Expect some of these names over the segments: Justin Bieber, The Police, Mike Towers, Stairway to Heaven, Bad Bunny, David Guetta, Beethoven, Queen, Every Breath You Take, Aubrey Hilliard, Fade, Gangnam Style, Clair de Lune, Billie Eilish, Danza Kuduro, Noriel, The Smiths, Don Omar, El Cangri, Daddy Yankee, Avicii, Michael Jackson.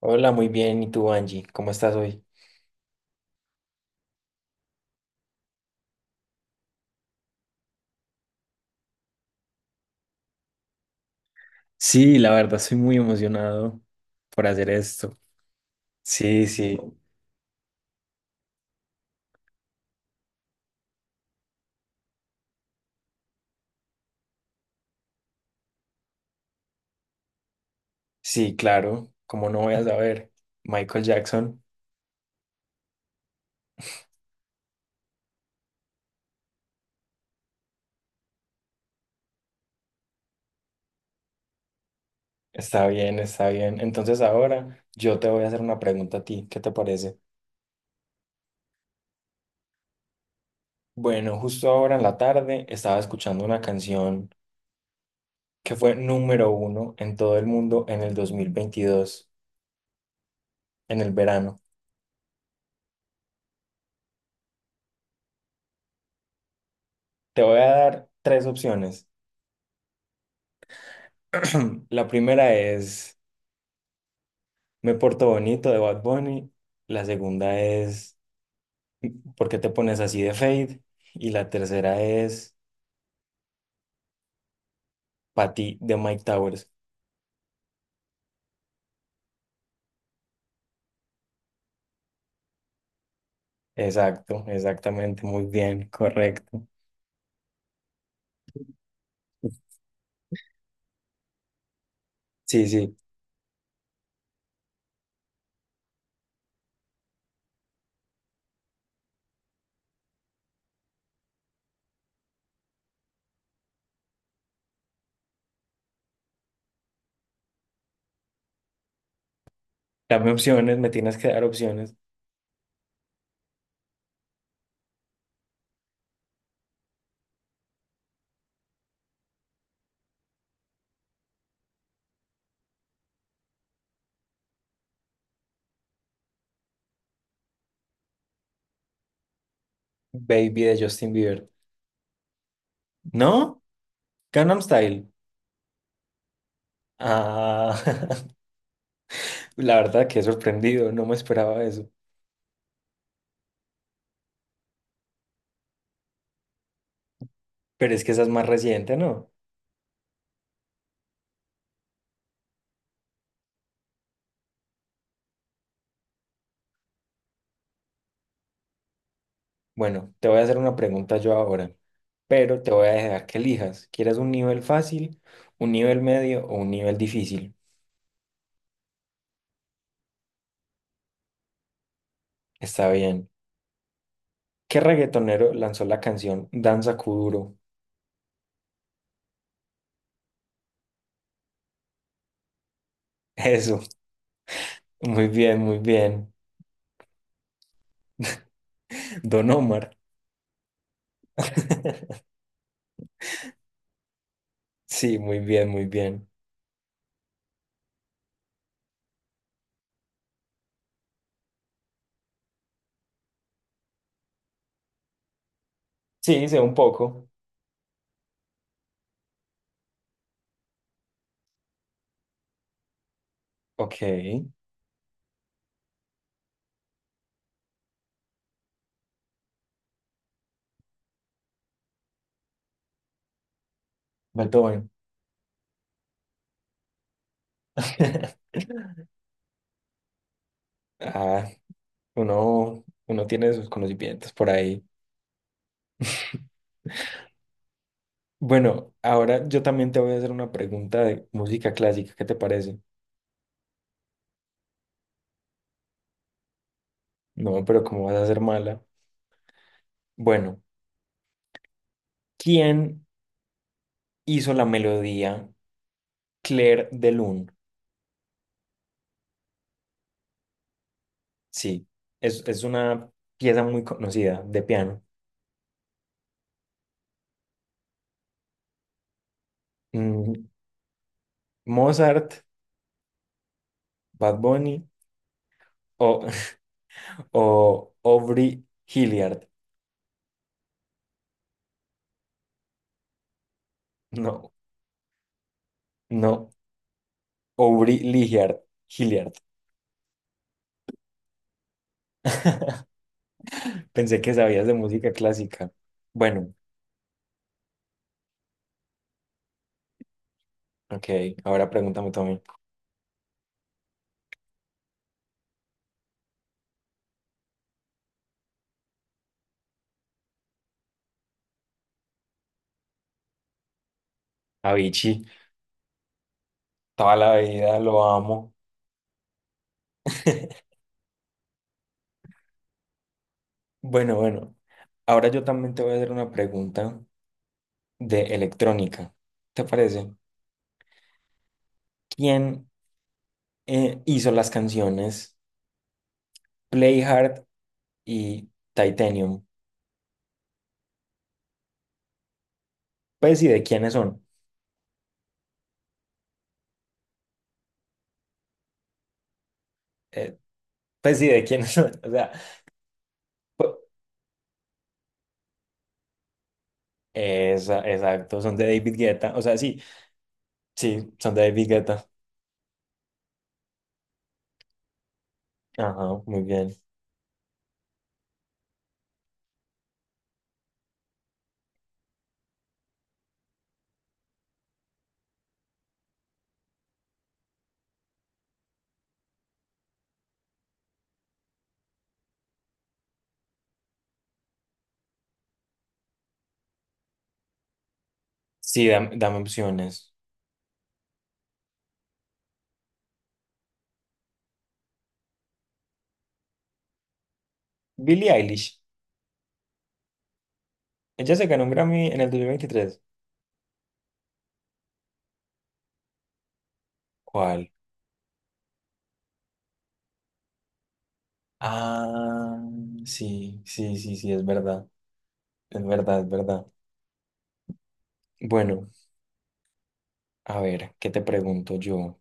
Hola, muy bien. ¿Y tú, Angie? ¿Cómo estás hoy? Sí, la verdad, estoy muy emocionado por hacer esto. Sí, sí, sí, claro. ¿Cómo no voy a saber? Michael Jackson. Está bien, está bien. Entonces ahora yo te voy a hacer una pregunta a ti. ¿Qué te parece? Bueno, justo ahora en la tarde estaba escuchando una canción que fue número uno en todo el mundo en el 2022 en el verano. Te voy a dar tres opciones. La primera es Me porto bonito de Bad Bunny. La segunda es ¿Por qué te pones así de Fade? Y la tercera es Pa' ti de Mike Towers. Exacto, exactamente, muy bien, correcto. Sí, sí. Dame opciones, me tienes que dar opciones. Baby de Justin Bieber. ¿No? Gangnam Style. Ah, la verdad que he sorprendido, no me esperaba eso. Pero es que esa es más reciente, ¿no? Bueno, te voy a hacer una pregunta yo ahora, pero te voy a dejar que elijas. ¿Quieres un nivel fácil, un nivel medio o un nivel difícil? Está bien. ¿Qué reggaetonero lanzó la canción Danza Kuduro? Eso, muy bien, muy bien. Don Omar. Sí, muy bien, muy bien. Sí, sé un poco. Ok, Beethoven. Ah, uno, uno tiene sus conocimientos por ahí. Bueno, ahora yo también te voy a hacer una pregunta de música clásica, ¿qué te parece? No, pero ¿cómo vas a ser mala? Bueno, ¿quién hizo la melodía Clair de Lune? Sí, es una pieza muy conocida de piano. Mm, ¿Mozart, Bad Bunny o, o Aubrey Hilliard? No, no, Aubrey Hilliard, Hilliard. Pensé que sabías de música clásica. Bueno, ok, ahora pregúntame tú. Avicii, toda la vida lo amo. Bueno, bueno, ahora yo también te voy a hacer una pregunta de electrónica. ¿Te parece? ¿Quién hizo las canciones Play Hard y Titanium? Pues y de quiénes son. Eh, pues y de quiénes son. O sea, pu- exacto, son de David Guetta. O sea, sí, sí, son de David Guetta. Ajá, muy bien. Sí, dame, opciones. Billie Eilish. Ella se ganó un Grammy en el 2023. ¿Cuál? Ah, sí, sí, sí, sí, es verdad, es verdad, es verdad. Bueno, a ver, ¿qué te pregunto yo?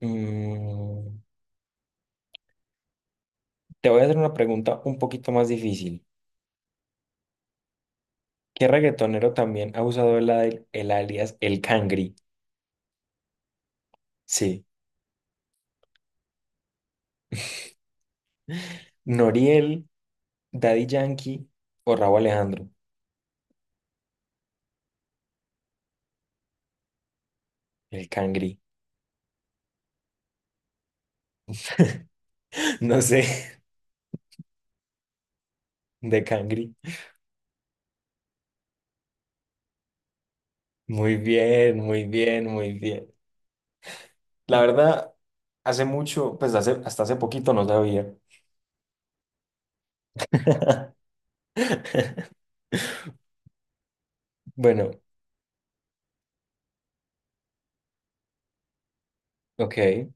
Mm, te voy a hacer una pregunta un poquito más difícil. ¿Qué reggaetonero también ha usado el alias El Cangri? Sí, Noriel, Daddy Yankee o Rauw Alejandro. El Cangri, no sé, de Cangri. Muy bien, muy bien, muy bien. La verdad, hace mucho, pues hace, hasta hace poquito no sabía. Bueno, ok.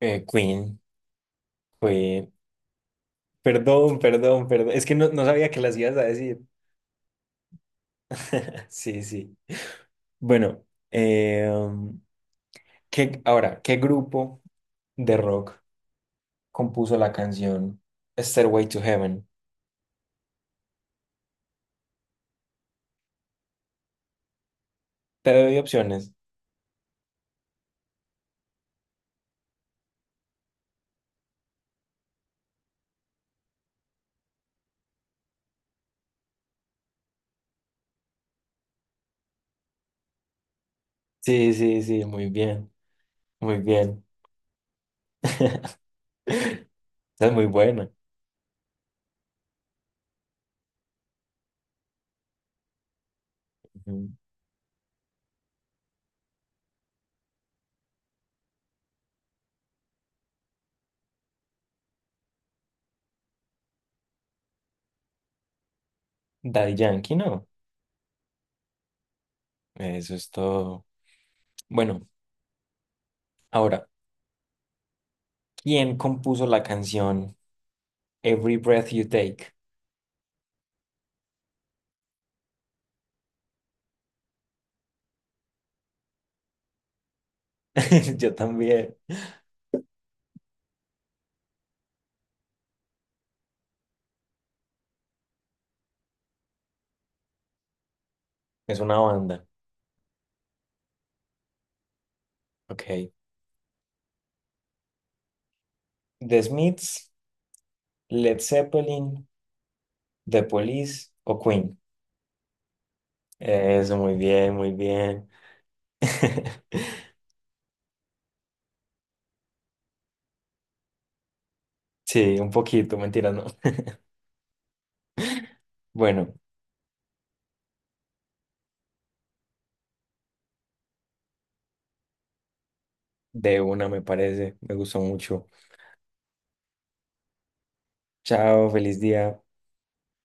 Queen, Queen. Perdón, perdón, perdón. Es que no, no sabía que las ibas a decir. Sí, sí. Bueno, eh, um, ahora, ¿qué grupo de rock compuso la canción Stairway to Heaven? Te doy opciones. Sí, sí, sí, muy bien, muy bien. Esa es muy buena. Ujú. Daddy Yankee, ¿no? Eso es todo. Bueno, ahora. ¿Quién compuso la canción Every Breath You Take? Yo también. Es una banda. Ok. The Smiths, Led Zeppelin, The Police o Queen. Eso, muy bien, muy bien. Sí, un poquito, mentira, no. Bueno, de una me parece. Me gustó mucho. Chao, feliz día.